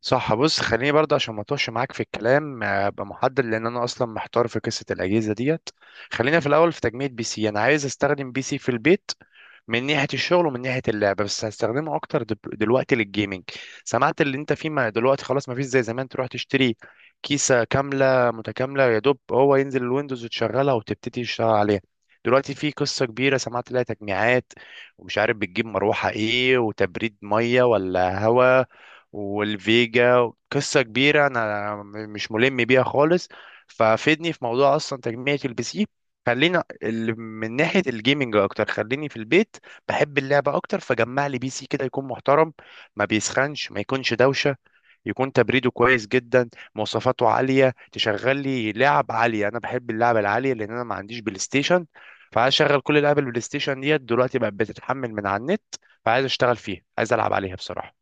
صح. بص خليني برضه عشان ما اتوهش معاك في الكلام، ابقى محدد، لان انا اصلا محتار في قصه الاجهزه ديت. خلينا في الاول في تجميع بي سي. انا عايز استخدم بي سي في البيت من ناحية الشغل ومن ناحية اللعبة، بس هستخدمه أكتر دلوقتي للجيمنج. سمعت اللي أنت فيه، ما دلوقتي خلاص ما فيش زي زمان تروح تشتري كيسة كاملة متكاملة، يا دوب هو ينزل الويندوز وتشغلها وتبتدي تشتغل عليها. دلوقتي في قصة كبيرة سمعت لها، تجميعات ومش عارف بتجيب مروحة إيه وتبريد مية ولا هوا، والفيجا قصة كبيرة أنا مش ملم بيها خالص. ففيدني في موضوع أصلا تجميعة البي سي. خلينا من ناحية الجيمنج أكتر، خليني في البيت بحب اللعبة أكتر، فجمع لي بي سي كده يكون محترم، ما بيسخنش، ما يكونش دوشة، يكون تبريده كويس جدا، مواصفاته عالية تشغل لي لعب عالية. أنا بحب اللعبة العالية لأن أنا ما عنديش بلاي ستيشن، فعايز أشغل كل لعب البلاي ستيشن ديت دلوقتي بقت بتتحمل من على النت، فعايز أشتغل فيها، عايز ألعب عليها بصراحة.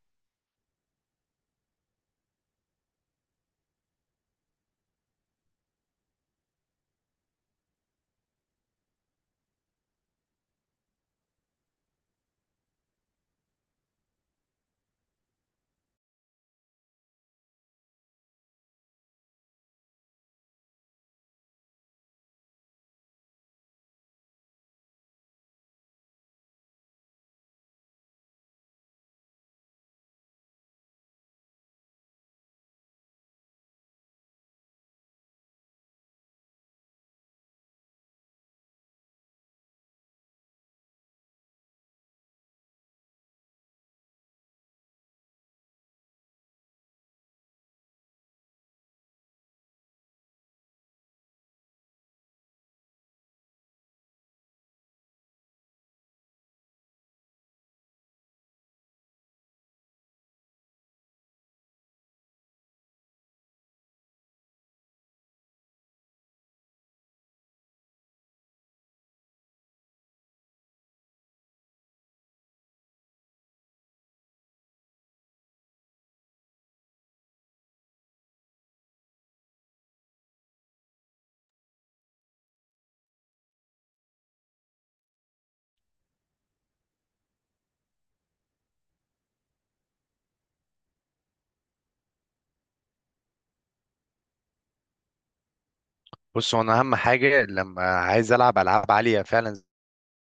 بص هو أنا أهم حاجة لما عايز ألعب ألعاب عالية فعلا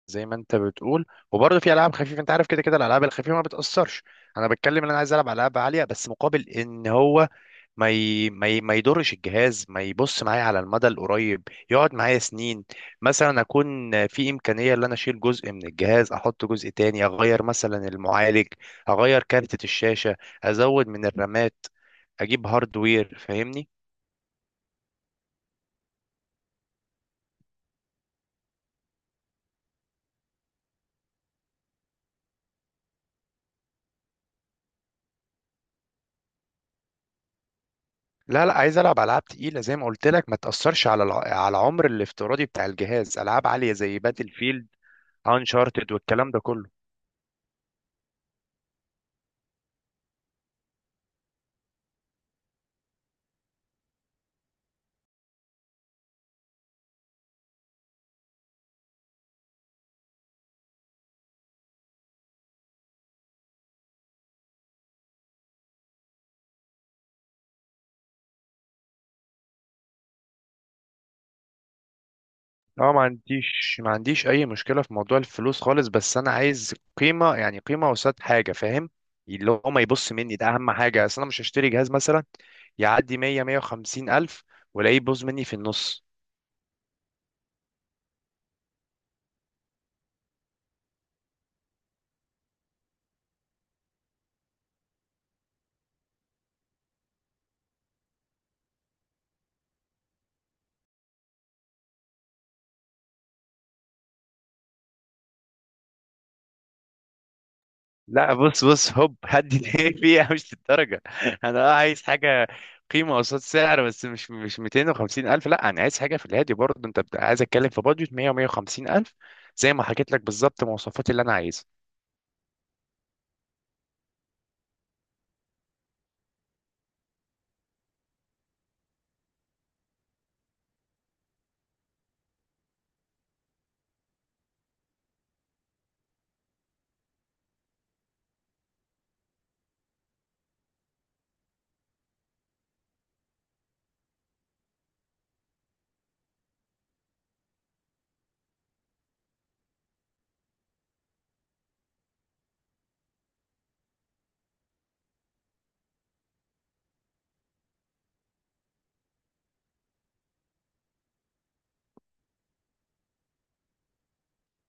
زي ما أنت بتقول، وبرضه في ألعاب خفيفة أنت عارف كده كده الألعاب الخفيفة ما بتأثرش. أنا بتكلم إن أنا عايز ألعب ألعاب عالية، بس مقابل إن هو ما يضرش الجهاز، ما يبص معايا على المدى القريب، يقعد معايا سنين. مثلا اكون في امكانيه ان انا اشيل جزء من الجهاز احط جزء تاني، اغير مثلا المعالج، اغير كارتة الشاشه، ازود من الرامات، اجيب هاردوير، فاهمني؟ لا لا، عايز العب العاب تقيله زي ما قلت لك، ما تاثرش على على العمر الافتراضي بتاع الجهاز. العاب عاليه زي باتل فيلد. انشارتد والكلام ده كله. اه ما عنديش ما عنديش اي مشكله في موضوع الفلوس خالص، بس انا عايز قيمه، يعني قيمه قصاد حاجه، فاهم؟ اللي هو ما يبص مني، ده اهم حاجه. اصل انا مش هشتري جهاز مثلا يعدي 100 150 الف والاقيه يبوظ مني في النص. لا بص بص، هوب هدي ليه، فيها مش للدرجه. انا اه عايز حاجه قيمه قصاد سعر، بس مش مش 250 الف لا، انا عايز حاجه في الهادي برضه، انت عايز اتكلم في بادجت 100 150 الف زي ما حكيت لك بالظبط، مواصفات اللي انا عايزها.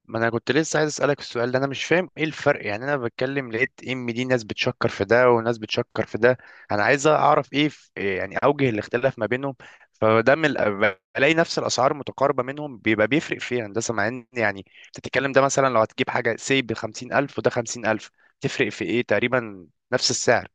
ما انا كنت لسه عايز اسالك السؤال ده، انا مش فاهم ايه الفرق. يعني انا بتكلم لقيت ام دي، ناس بتشكر في ده وناس بتشكر في ده، انا عايز اعرف ايه في إيه، يعني اوجه الاختلاف ما بينهم، فده من بلاقي نفس الاسعار متقاربه منهم، بيبقى بيفرق في إيه هندسه؟ مع ان يعني بتتكلم ده مثلا لو هتجيب حاجه سي ب 50000 وده 50000، تفرق في ايه تقريبا؟ نفس السعر.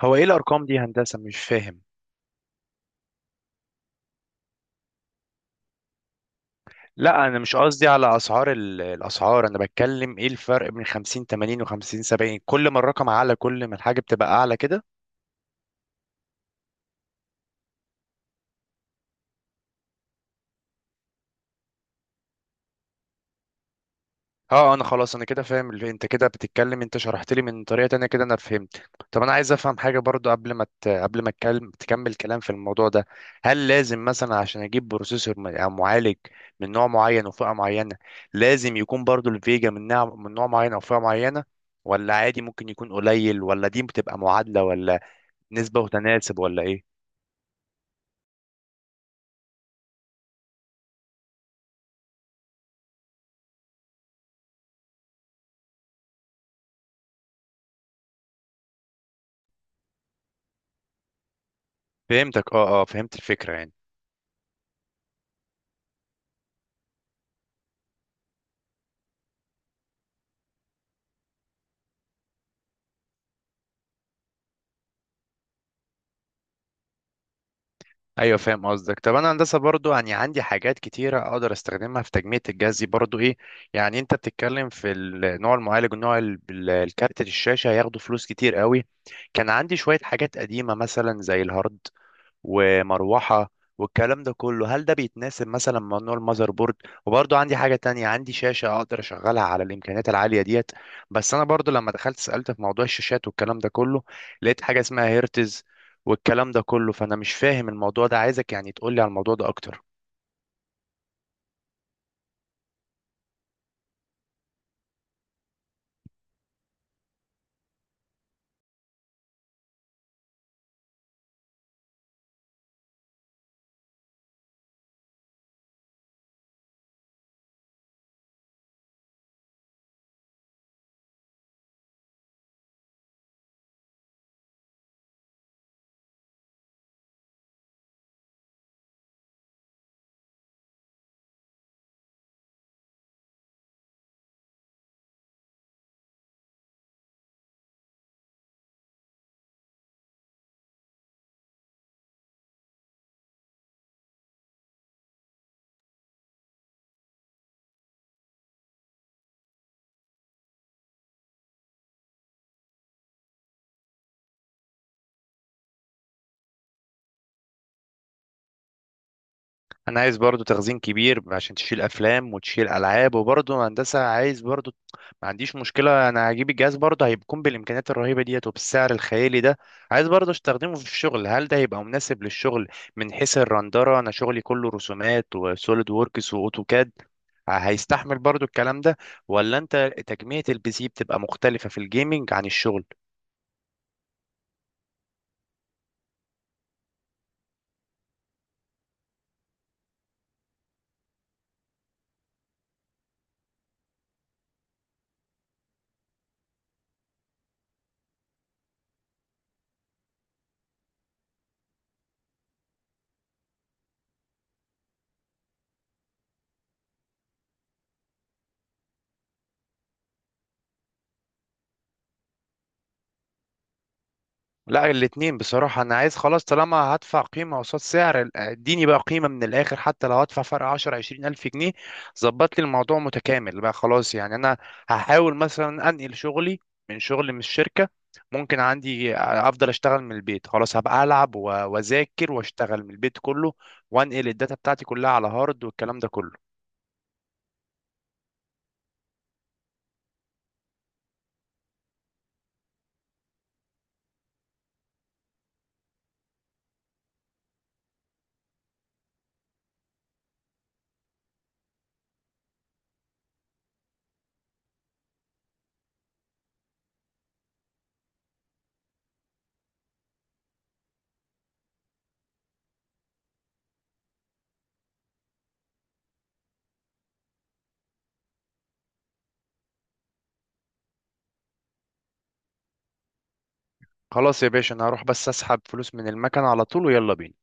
هو ايه الارقام دي يا هندسه؟ مش فاهم. لا انا مش قصدي على اسعار الاسعار، انا بتكلم ايه الفرق بين 50 80 و50 70؟ كل ما الرقم اعلى كل ما الحاجه بتبقى اعلى كده؟ اه انا خلاص انا كده فاهم اللي انت كده بتتكلم، انت شرحت لي من طريقه تانية كده انا فهمت. طب انا عايز افهم حاجه برضو قبل ما اتكلم، تكمل كلام في الموضوع ده. هل لازم مثلا عشان اجيب بروسيسور او معالج من نوع معين وفئه معينه، لازم يكون برضو الفيجا من نوع من نوع معين او فئه معينه؟ ولا عادي ممكن يكون قليل؟ ولا دي بتبقى معادله، ولا نسبة وتناسب، ولا ايه؟ فهمتك، اه اه فهمت الفكرة يعني. ايوه فاهم قصدك. طب انا هندسة برضو، يعني عندي حاجات كتيرة اقدر استخدمها في تجميع الجهاز دي برضو ايه، يعني انت بتتكلم في النوع المعالج والنوع الكارت الشاشة هياخدوا فلوس كتير قوي. كان عندي شوية حاجات قديمة مثلا زي الهارد، ومروحة، والكلام ده كله، هل ده بيتناسب مثلا مع نوع المذر بورد؟ وبرضه عندي حاجة تانية، عندي شاشة أقدر أشغلها على الإمكانيات العالية ديت، بس أنا برضه لما دخلت سألت في موضوع الشاشات والكلام ده كله، لقيت حاجة اسمها هيرتز والكلام ده كله، فأنا مش فاهم الموضوع ده، عايزك يعني تقولي على الموضوع ده أكتر. انا عايز برضو تخزين كبير عشان تشيل افلام وتشيل العاب، وبرضو هندسه عايز برضو، ما عنديش مشكله، انا هجيب الجهاز برضو هيكون بالامكانيات الرهيبه ديت وبالسعر الخيالي ده، عايز برضو استخدمه في الشغل. هل ده هيبقى مناسب للشغل من حيث الرندره؟ انا شغلي كله رسومات وسوليد ووركس واوتوكاد، هيستحمل برضو الكلام ده؟ ولا انت تجميع البي سي بتبقى مختلفه في الجيمنج عن الشغل؟ لا الاتنين بصراحة. أنا عايز خلاص، طالما هدفع قيمة قصاد سعر اديني بقى قيمة من الآخر، حتى لو هدفع فرق 10 20 ألف جنيه، ظبط لي الموضوع متكامل بقى خلاص. يعني أنا هحاول مثلا أنقل شغلي من شغل من الشركة، ممكن عندي أفضل أشتغل من البيت خلاص، هبقى ألعب وأذاكر وأشتغل من البيت كله، وأنقل الداتا بتاعتي كلها على هارد والكلام ده كله. خلاص يا باشا أنا هروح بس أسحب فلوس من المكنة على طول ويلا بينا.